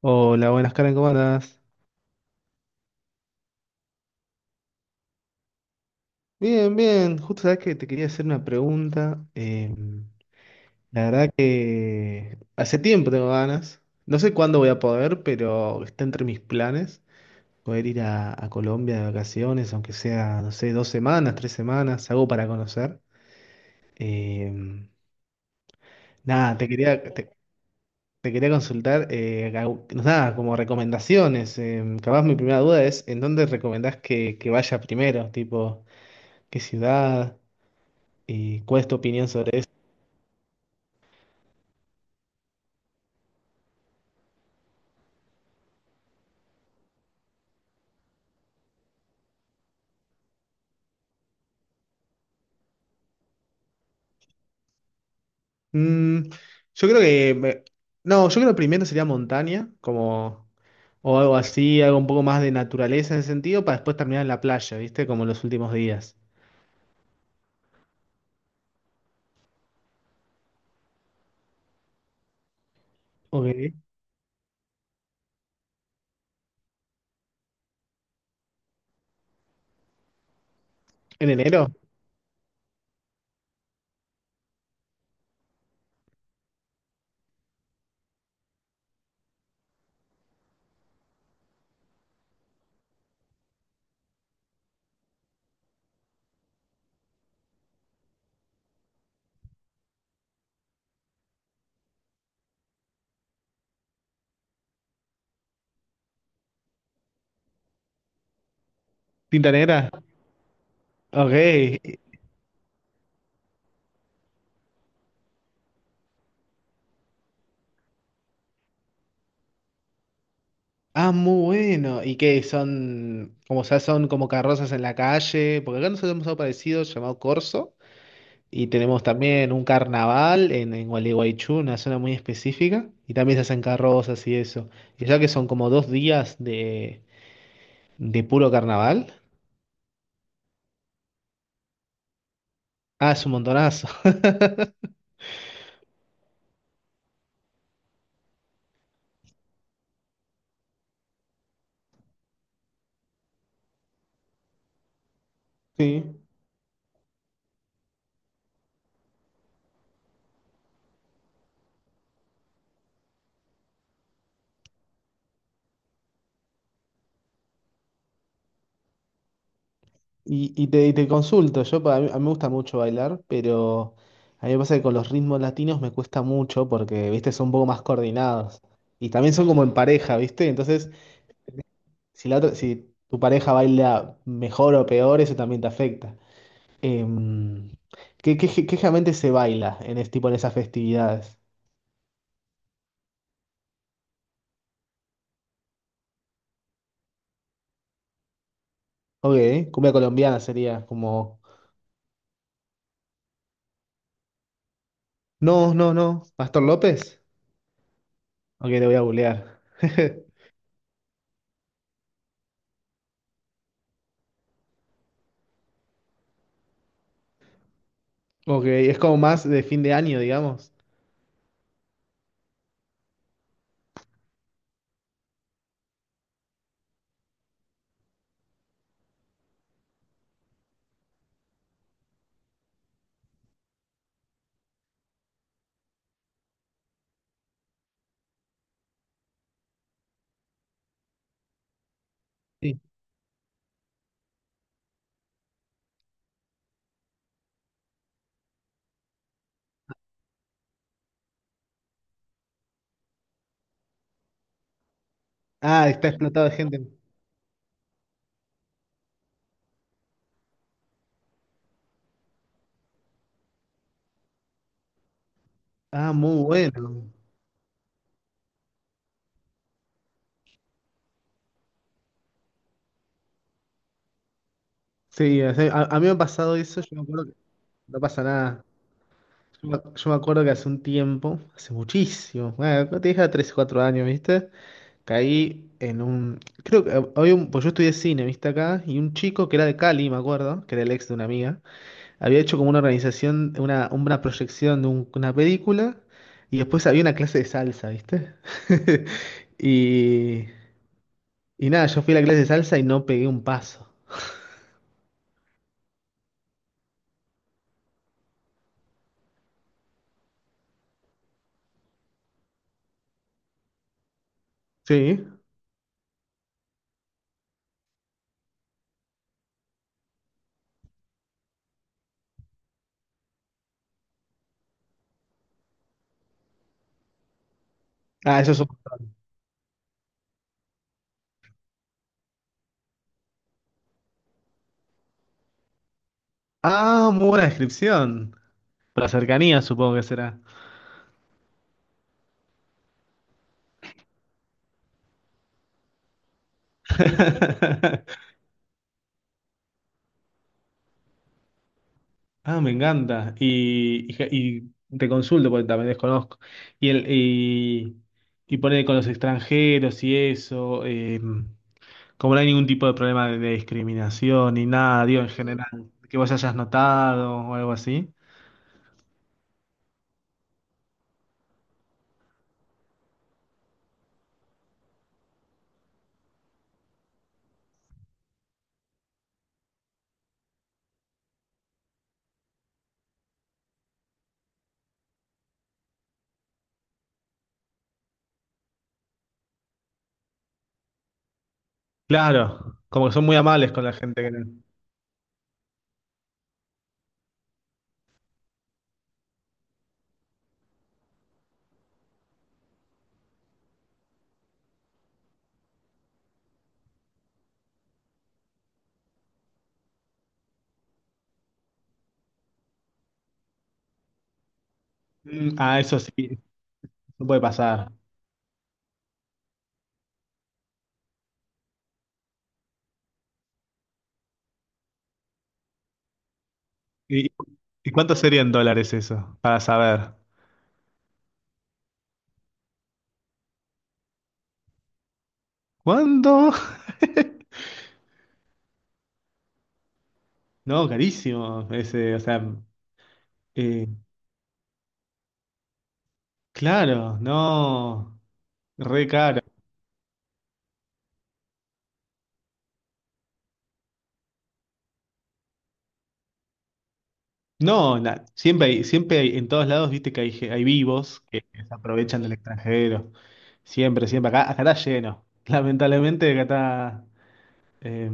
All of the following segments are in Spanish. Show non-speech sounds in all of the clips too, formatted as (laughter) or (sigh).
Hola, buenas Karen, ¿cómo andás? Bien, bien, justo sabes que te quería hacer una pregunta. La verdad que hace tiempo tengo ganas. No sé cuándo voy a poder, pero está entre mis planes poder ir a Colombia de vacaciones, aunque sea, no sé, 2 semanas, 3 semanas, algo para conocer. Eh, nada, te quería, te quería consultar, nada, como recomendaciones. Capaz mi primera duda es, ¿en dónde recomendás que vaya primero? Tipo, ¿qué ciudad? ¿Y cuál es tu opinión sobre eso? Mm, yo creo que... me- No, yo creo que primero sería montaña, como. O algo así, algo un poco más de naturaleza en ese sentido, para después terminar en la playa, ¿viste? Como los últimos días. Ok. ¿En enero? ¿Tinta negra? Ok. Ah, muy bueno. ¿Y qué son? Como sea, son como carrozas en la calle. Porque acá nosotros tenemos algo parecido llamado corso. Y tenemos también un carnaval en, Gualeguaychú, una zona muy específica, y también se hacen carrozas y eso. Y ya que son como 2 días de puro carnaval, es un montonazo. (laughs) Sí. Y te consulto, a mí me gusta mucho bailar, pero a mí me pasa que con los ritmos latinos me cuesta mucho porque, viste, son un poco más coordinados. Y también son como en pareja, viste. Entonces, si tu pareja baila mejor o peor, eso también te afecta. Em, qué generalmente se baila en este tipo en esas festividades? Ok, cumbia colombiana sería como. No, no, no. ¿Pastor López? Ok, le voy a googlear. (laughs) Ok, es como más de fin de año, digamos. Sí. Ah, está explotado de gente. Ah, muy bueno. Sí, o sea, a mí me ha pasado eso, yo me acuerdo que no pasa nada. Yo me acuerdo que hace un tiempo, hace muchísimo, bueno, te dije 3 o 4 años, ¿viste? Caí en un. Creo que había un. Pues yo estudié cine, ¿viste acá? Y un chico que era de Cali, me acuerdo, que era el ex de una amiga, había hecho como una organización, una proyección de una película, y después había una clase de salsa, ¿viste? (laughs) Y. Y nada, yo fui a la clase de salsa y no pegué un paso. Sí. Ah, eso es un- Ah, muy buena descripción. Por la cercanía, supongo que será. (laughs) Ah, me encanta. Y te consulto porque también desconozco. Y, el, y, y pone con los extranjeros y eso, como no hay ningún tipo de, problema de discriminación ni nada, digo, en general, que vos hayas notado o algo así. Claro, como que son muy amables con la gente que. Ah, eso sí, no puede pasar. ¿Y, y cuánto sería en dólares eso? Para saber. ¿Cuánto? (laughs) No, carísimo. O sea, eh, Claro, no, re caro. No, siempre hay, en todos lados, viste que hay vivos que se aprovechan del extranjero. Siempre, siempre. Acá está lleno. (laughs) Lamentablemente acá está eh,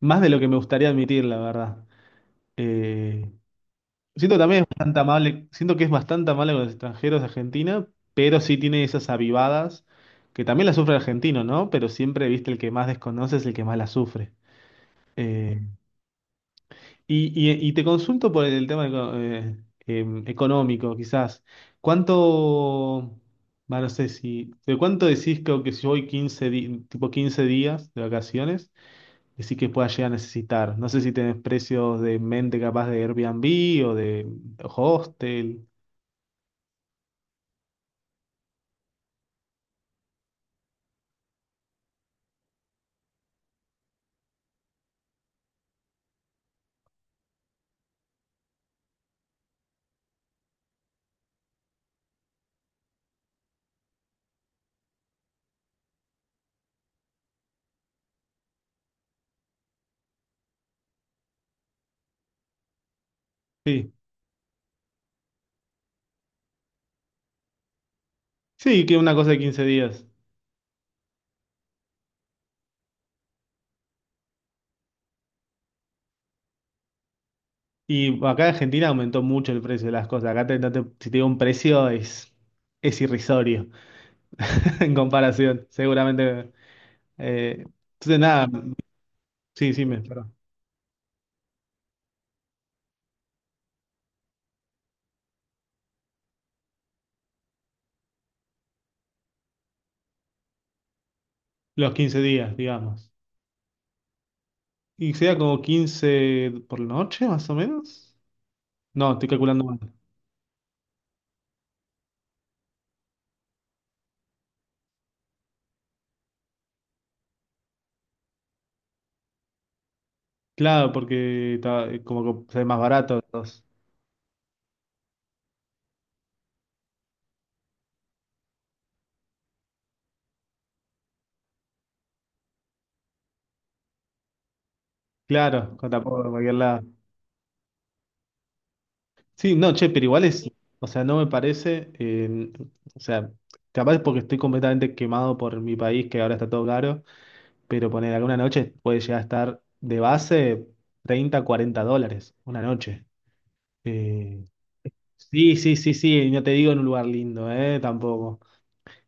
más de lo que me gustaría admitir, la verdad. Eh, siento también es bastante amable, siento que es bastante amable con los extranjeros de Argentina, pero sí tiene esas avivadas que también las sufre el argentino, ¿no? Pero siempre, viste, el que más desconoce es el que más las sufre. Eh, y te consulto por el tema económico, quizás. ¿Cuánto, va, no sé si, de cuánto decís que si voy tipo 15 días de vacaciones, decís que pueda llegar a necesitar? No sé si tenés precios de mente capaz de Airbnb o de hostel. Sí, sí, que una cosa de 15 días. Y acá en Argentina aumentó mucho el precio de las cosas. Acá te- no te- si te digo un precio es irrisorio (laughs) en comparación. Seguramente. Eh, entonces, nada, sí, sí, perdón. Los 15 días, digamos. Y sería como 15 por la noche, más o menos. No, estoy calculando mal. Claro, porque está, como que sale más barato. Entonces. Claro, con tampoco de cualquier lado. Sí, no, che, pero igual o sea, no me parece, o sea, capaz porque estoy completamente quemado por mi país, que ahora está todo caro, pero poner alguna noche puede llegar a estar de base 30 40 dólares, una noche. Eh, Sí, sí, sí, sí, no te digo en un lugar lindo, ¿eh? Tampoco.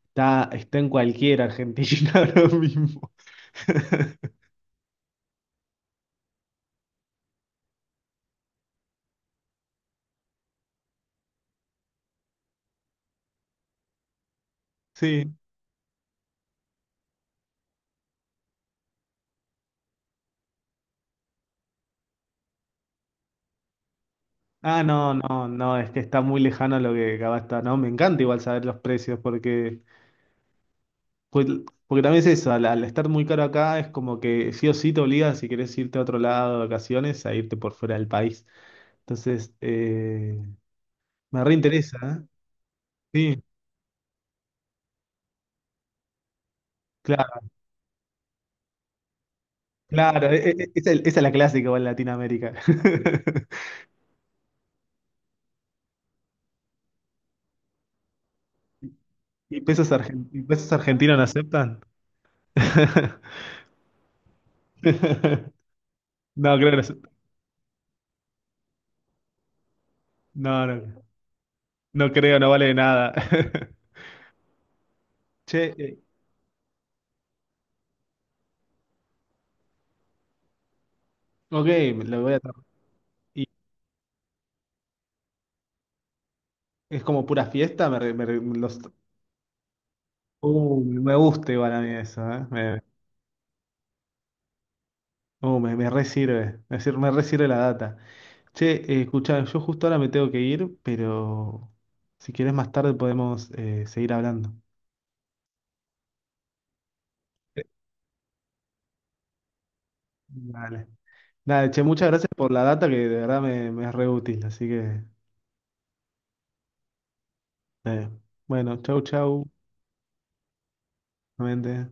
Está, está en cualquier Argentina (laughs) ahora mismo. Sí. Ah, no, no, no, es que está muy lejano a lo que acaba está, ¿no? Me encanta igual saber los precios porque, pues, porque también es eso, al, al estar muy caro acá es como que sí o sí te obliga si querés irte a otro lado de vacaciones a irte por fuera del país. Entonces, me reinteresa, ¿eh? Sí, claro, claro, esa es la clásica igual en Latinoamérica. (laughs) ¿Y pesos, argen- y pesos argentinos no aceptan? (laughs) No, creo que no, aceptan. No, no, no creo, no vale nada. (laughs) Che, ok, me lo voy a tomar. ¿Y es como pura fiesta? Me, re- me re- me los, me gusta igual a mí eso, ¿eh? Me, me, me re sirve, me, sir- me re sirve la data. Che, escuchá, yo justo ahora me tengo que ir, pero si querés más tarde podemos seguir hablando. Dale. Dale, che, muchas gracias por la data que de verdad me, me es re útil, así que Eh, bueno, chau, chau, nuevamente.